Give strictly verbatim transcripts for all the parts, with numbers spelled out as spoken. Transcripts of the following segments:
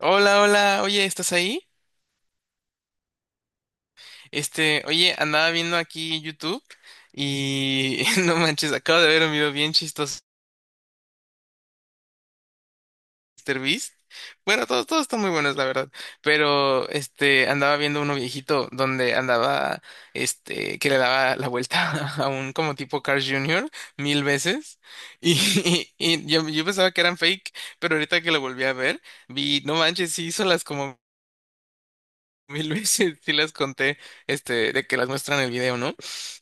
Hola, hola, oye, ¿estás ahí? Este, oye, andaba viendo aquí YouTube y no manches, acabo de ver un video bien chistoso de MrBeast. Bueno, todos, todos están muy buenos, la verdad, pero este, andaba viendo uno viejito donde andaba, este, que le daba la vuelta a un como tipo Carl júnior mil veces y, y yo, yo pensaba que eran fake, pero ahorita que lo volví a ver, vi, no manches, sí hizo las como mil veces, sí las conté, este, de que las muestran en el video, ¿no?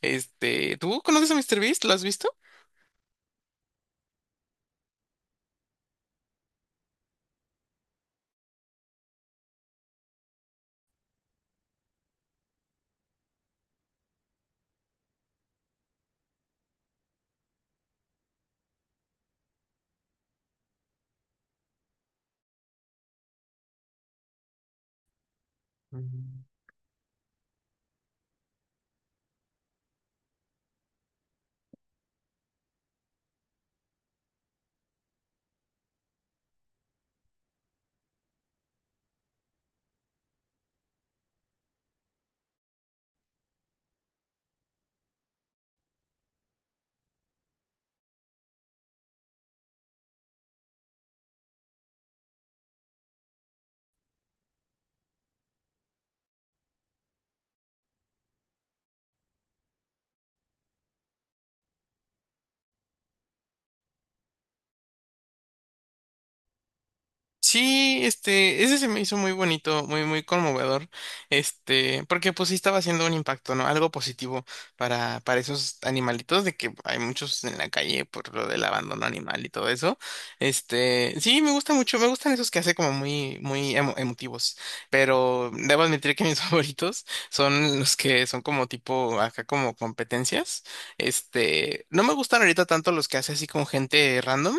Este, ¿tú conoces a Mister Beast? ¿Lo has visto? Sí, este, ese se me hizo muy bonito, muy, muy conmovedor, este, porque pues sí estaba haciendo un impacto, ¿no? Algo positivo para, para esos animalitos, de que hay muchos en la calle por lo del abandono animal y todo eso. Este, sí, me gusta mucho, me gustan esos que hace como muy, muy emo- emotivos, pero debo admitir que mis favoritos son los que son como tipo, acá como competencias. Este, no me gustan ahorita tanto los que hace así con gente random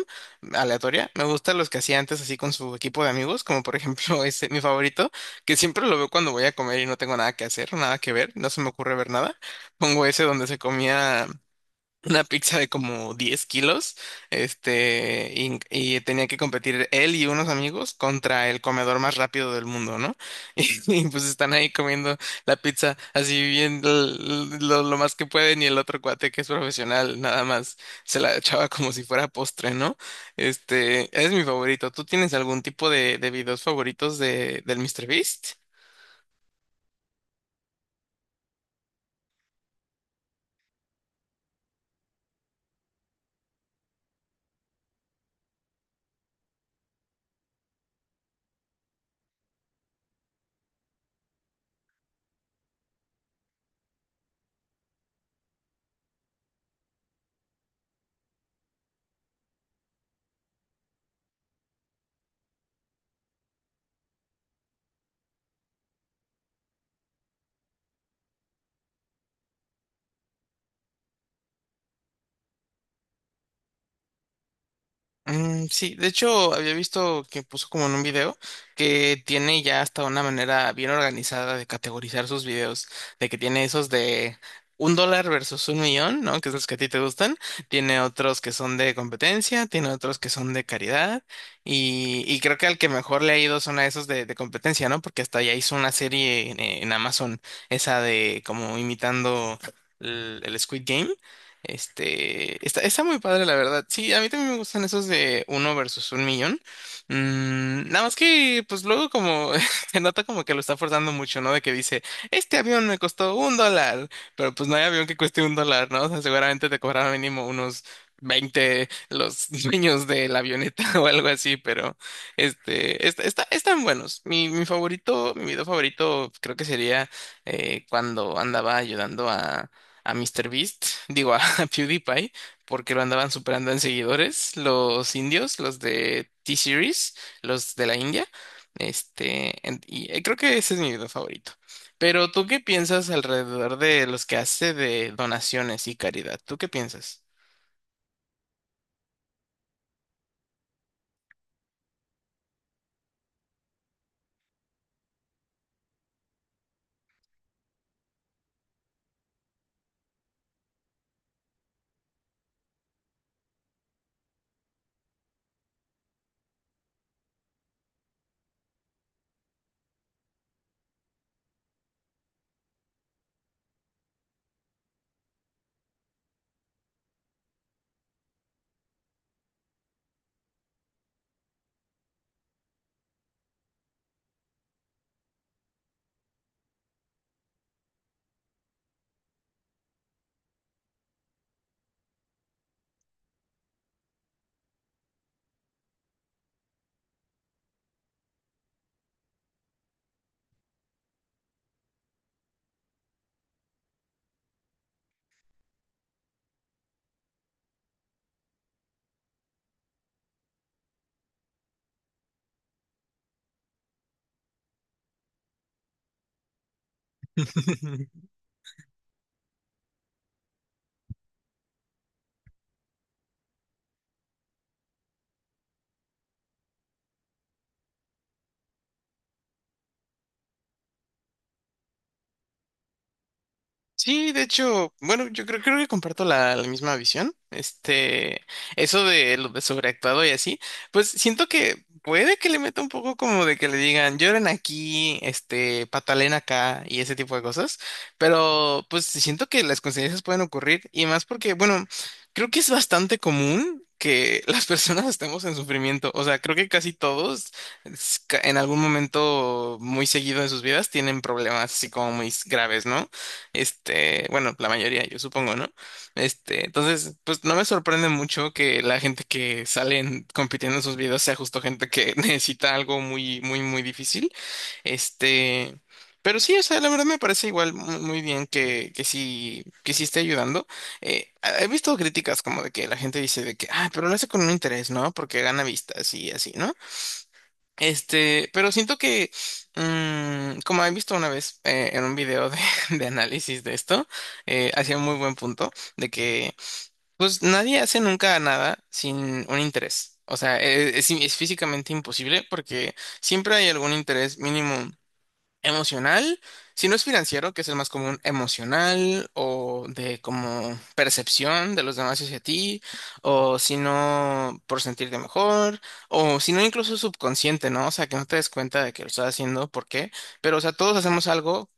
aleatoria. Me gustan los que hacía antes así con su equipo de amigos, como por ejemplo ese, mi favorito, que siempre lo veo cuando voy a comer y no tengo nada que hacer, nada que ver, no se me ocurre ver nada. Pongo ese donde se comía una pizza de como diez kilos, este, y, y tenía que competir él y unos amigos contra el comedor más rápido del mundo, ¿no? Y, y, pues están ahí comiendo la pizza así bien l- lo, lo más que pueden y el otro cuate que es profesional nada más se la echaba como si fuera postre, ¿no? Este, es mi favorito. ¿Tú tienes algún tipo de, de videos favoritos de, del míster Beast? Mm, sí, de hecho había visto que puso como en un video que tiene ya hasta una manera bien organizada de categorizar sus videos, de que tiene esos de un dólar versus un millón, ¿no? Que es los que a ti te gustan, tiene otros que son de competencia, tiene otros que son de caridad y, y creo que al que mejor le ha ido son a esos de, de competencia, ¿no? Porque hasta ya hizo una serie en, en Amazon, esa de como imitando el el Squid Game. Este, está, está muy padre, la verdad. Sí, a mí también me gustan esos de uno versus un millón. Mm, nada más que, pues luego como se nota como que lo está forzando mucho, ¿no? De que dice, este avión me costó un dólar, pero pues no hay avión que cueste un dólar, ¿no? O sea, seguramente te cobraron mínimo unos veinte los dueños de la avioneta o algo así, pero este, est- está, están buenos. Mi, mi favorito, mi video favorito creo que sería eh, cuando andaba ayudando a a Mister Beast, digo, PewDiePie porque lo andaban superando en seguidores los indios, los de T-Series, los de la India. Este, en- y eh, creo que ese es mi video favorito. Pero ¿tú qué piensas alrededor de los que hace de donaciones y caridad? ¿Tú qué piensas? Sí, de hecho, bueno, yo creo, creo que comparto la, la misma visión. Este, eso de lo de sobreactuado y así, pues siento que puede que le meta un poco como de que le digan lloren aquí, este, patalen acá y ese tipo de cosas, pero pues siento que las consecuencias pueden ocurrir y más porque, bueno, creo que es bastante común que las personas estemos en sufrimiento. O sea, creo que casi todos es ca- en algún momento muy seguido de sus vidas tienen problemas así como muy graves, ¿no? Este, bueno, la mayoría, yo supongo, ¿no? Este, entonces, pues no me sorprende mucho que la gente que salen compitiendo en sus videos sea justo gente que necesita algo muy, muy, muy difícil. Este, pero sí, o sea, la verdad me parece igual mu- muy bien que, que sí, que sí esté ayudando. Eh, he visto críticas como de que la gente dice de que, ah, pero lo hace con un interés, ¿no? Porque gana vistas y así, ¿no? Este, pero siento que, mm, como he visto una vez eh, en un video de, de análisis de esto, eh, hacía un muy buen punto de que, pues, nadie hace nunca nada sin un interés. O sea, eh, es, es físicamente imposible porque siempre hay algún interés mínimo emocional, si no es financiero, que es el más común, emocional o de como percepción de los demás hacia ti, o si no por sentirte mejor, o si no incluso subconsciente, ¿no? O sea, que no te des cuenta de que lo estás haciendo, ¿por qué? Pero, o sea, todos hacemos algo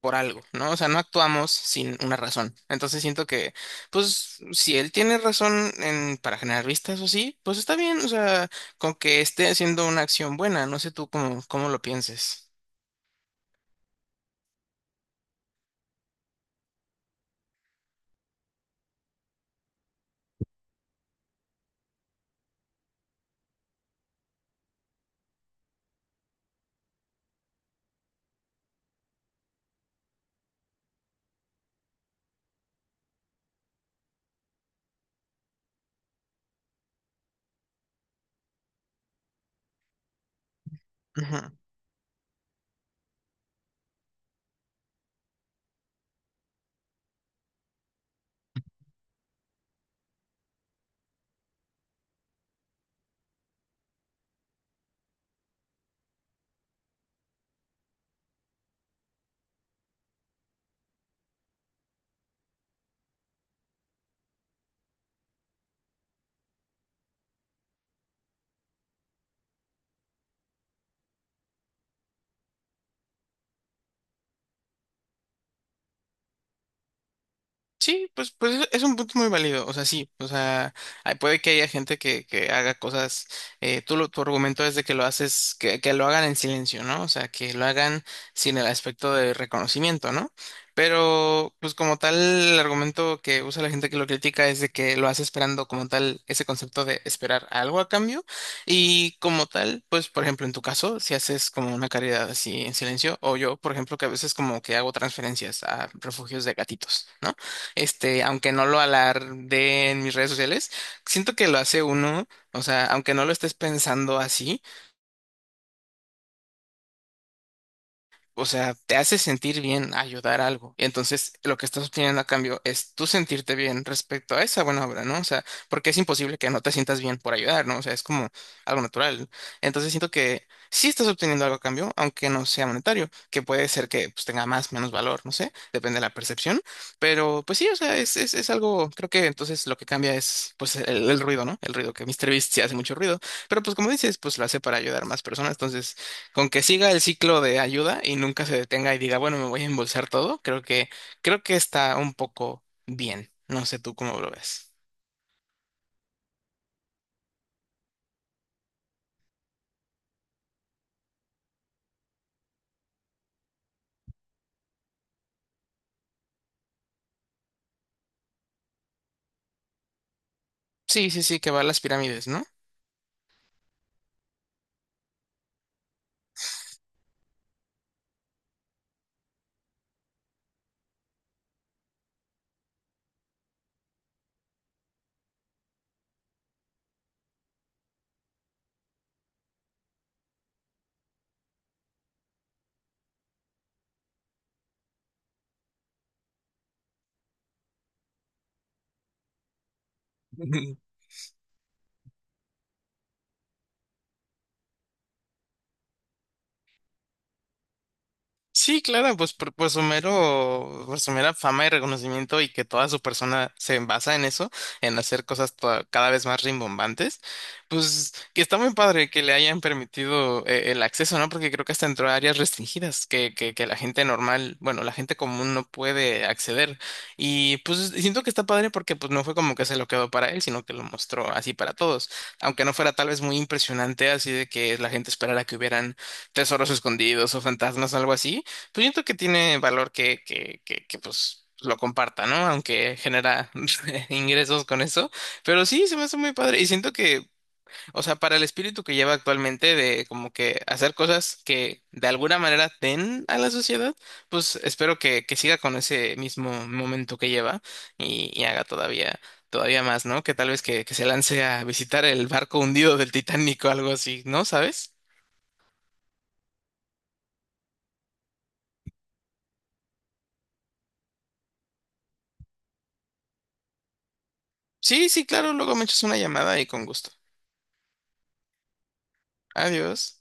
por algo, ¿no? O sea, no actuamos sin una razón. Entonces siento que, pues, si él tiene razón en, para generar vistas o sí, pues está bien, o sea, con que esté haciendo una acción buena, no sé tú cómo, cómo lo pienses. Sí, pues, pues es es un punto muy válido, o sea, sí, o sea, hay- puede que haya gente que, que haga cosas, eh, tú, lo- tu argumento es de que lo haces, que, que lo hagan en silencio, ¿no? O sea, que lo hagan sin el aspecto de reconocimiento, ¿no? Pero, pues como tal, el argumento que usa la gente que lo critica es de que lo hace esperando como tal ese concepto de esperar algo a cambio y como tal, pues, por ejemplo, en tu caso, si haces como una caridad así en silencio, o yo, por ejemplo, que a veces como que hago transferencias a refugios de gatitos, ¿no? este, aunque no lo alarde en mis redes sociales, siento que lo hace uno, o sea, aunque no lo estés pensando así, o sea, te hace sentir bien ayudar a algo. Y entonces lo que estás obteniendo a cambio es tú sentirte bien respecto a esa buena obra, ¿no? O sea, porque es imposible que no te sientas bien por ayudar, ¿no? O sea, es como algo natural. Entonces siento que sí estás obteniendo algo a cambio, aunque no sea monetario, que puede ser que pues, tenga más, menos valor, no sé, depende de la percepción. Pero pues sí, o sea, es, es, es algo, creo que entonces lo que cambia es pues el, el ruido, ¿no? El ruido que míster Beast sí hace mucho ruido. Pero pues como dices, pues lo hace para ayudar a más personas. Entonces con que siga el ciclo de ayuda y nunca se detenga y diga, bueno, me voy a embolsar todo, creo que, creo que está un poco bien. No sé tú cómo lo ves. Sí, sí, sí, que va a las pirámides, ¿no? Sí, claro, pues por, por su mero, por su mera fama y reconocimiento y que toda su persona se basa en eso, en hacer cosas toda- cada vez más rimbombantes, pues que está muy padre que le hayan permitido eh, el acceso, ¿no? Porque creo que hasta entró a áreas restringidas que, que, que la gente normal, bueno, la gente común no puede acceder. Y pues siento que está padre porque pues no fue como que se lo quedó para él, sino que lo mostró así para todos, aunque no fuera tal vez muy impresionante así de que la gente esperara que hubieran tesoros escondidos o fantasmas algo así, pues siento que tiene valor que, que, que, que, pues lo comparta, ¿no? Aunque genera ingresos con eso. Pero sí, se me hace muy padre. Y siento que, o sea, para el espíritu que lleva actualmente de como que hacer cosas que de alguna manera den a la sociedad, pues espero que, que siga con ese mismo momento que lleva y, y haga todavía, todavía más, ¿no? Que tal vez que, que se lance a visitar el barco hundido del Titanic o algo así, ¿no? ¿Sabes? Sí, sí, claro, luego me echas una llamada y con gusto. Adiós.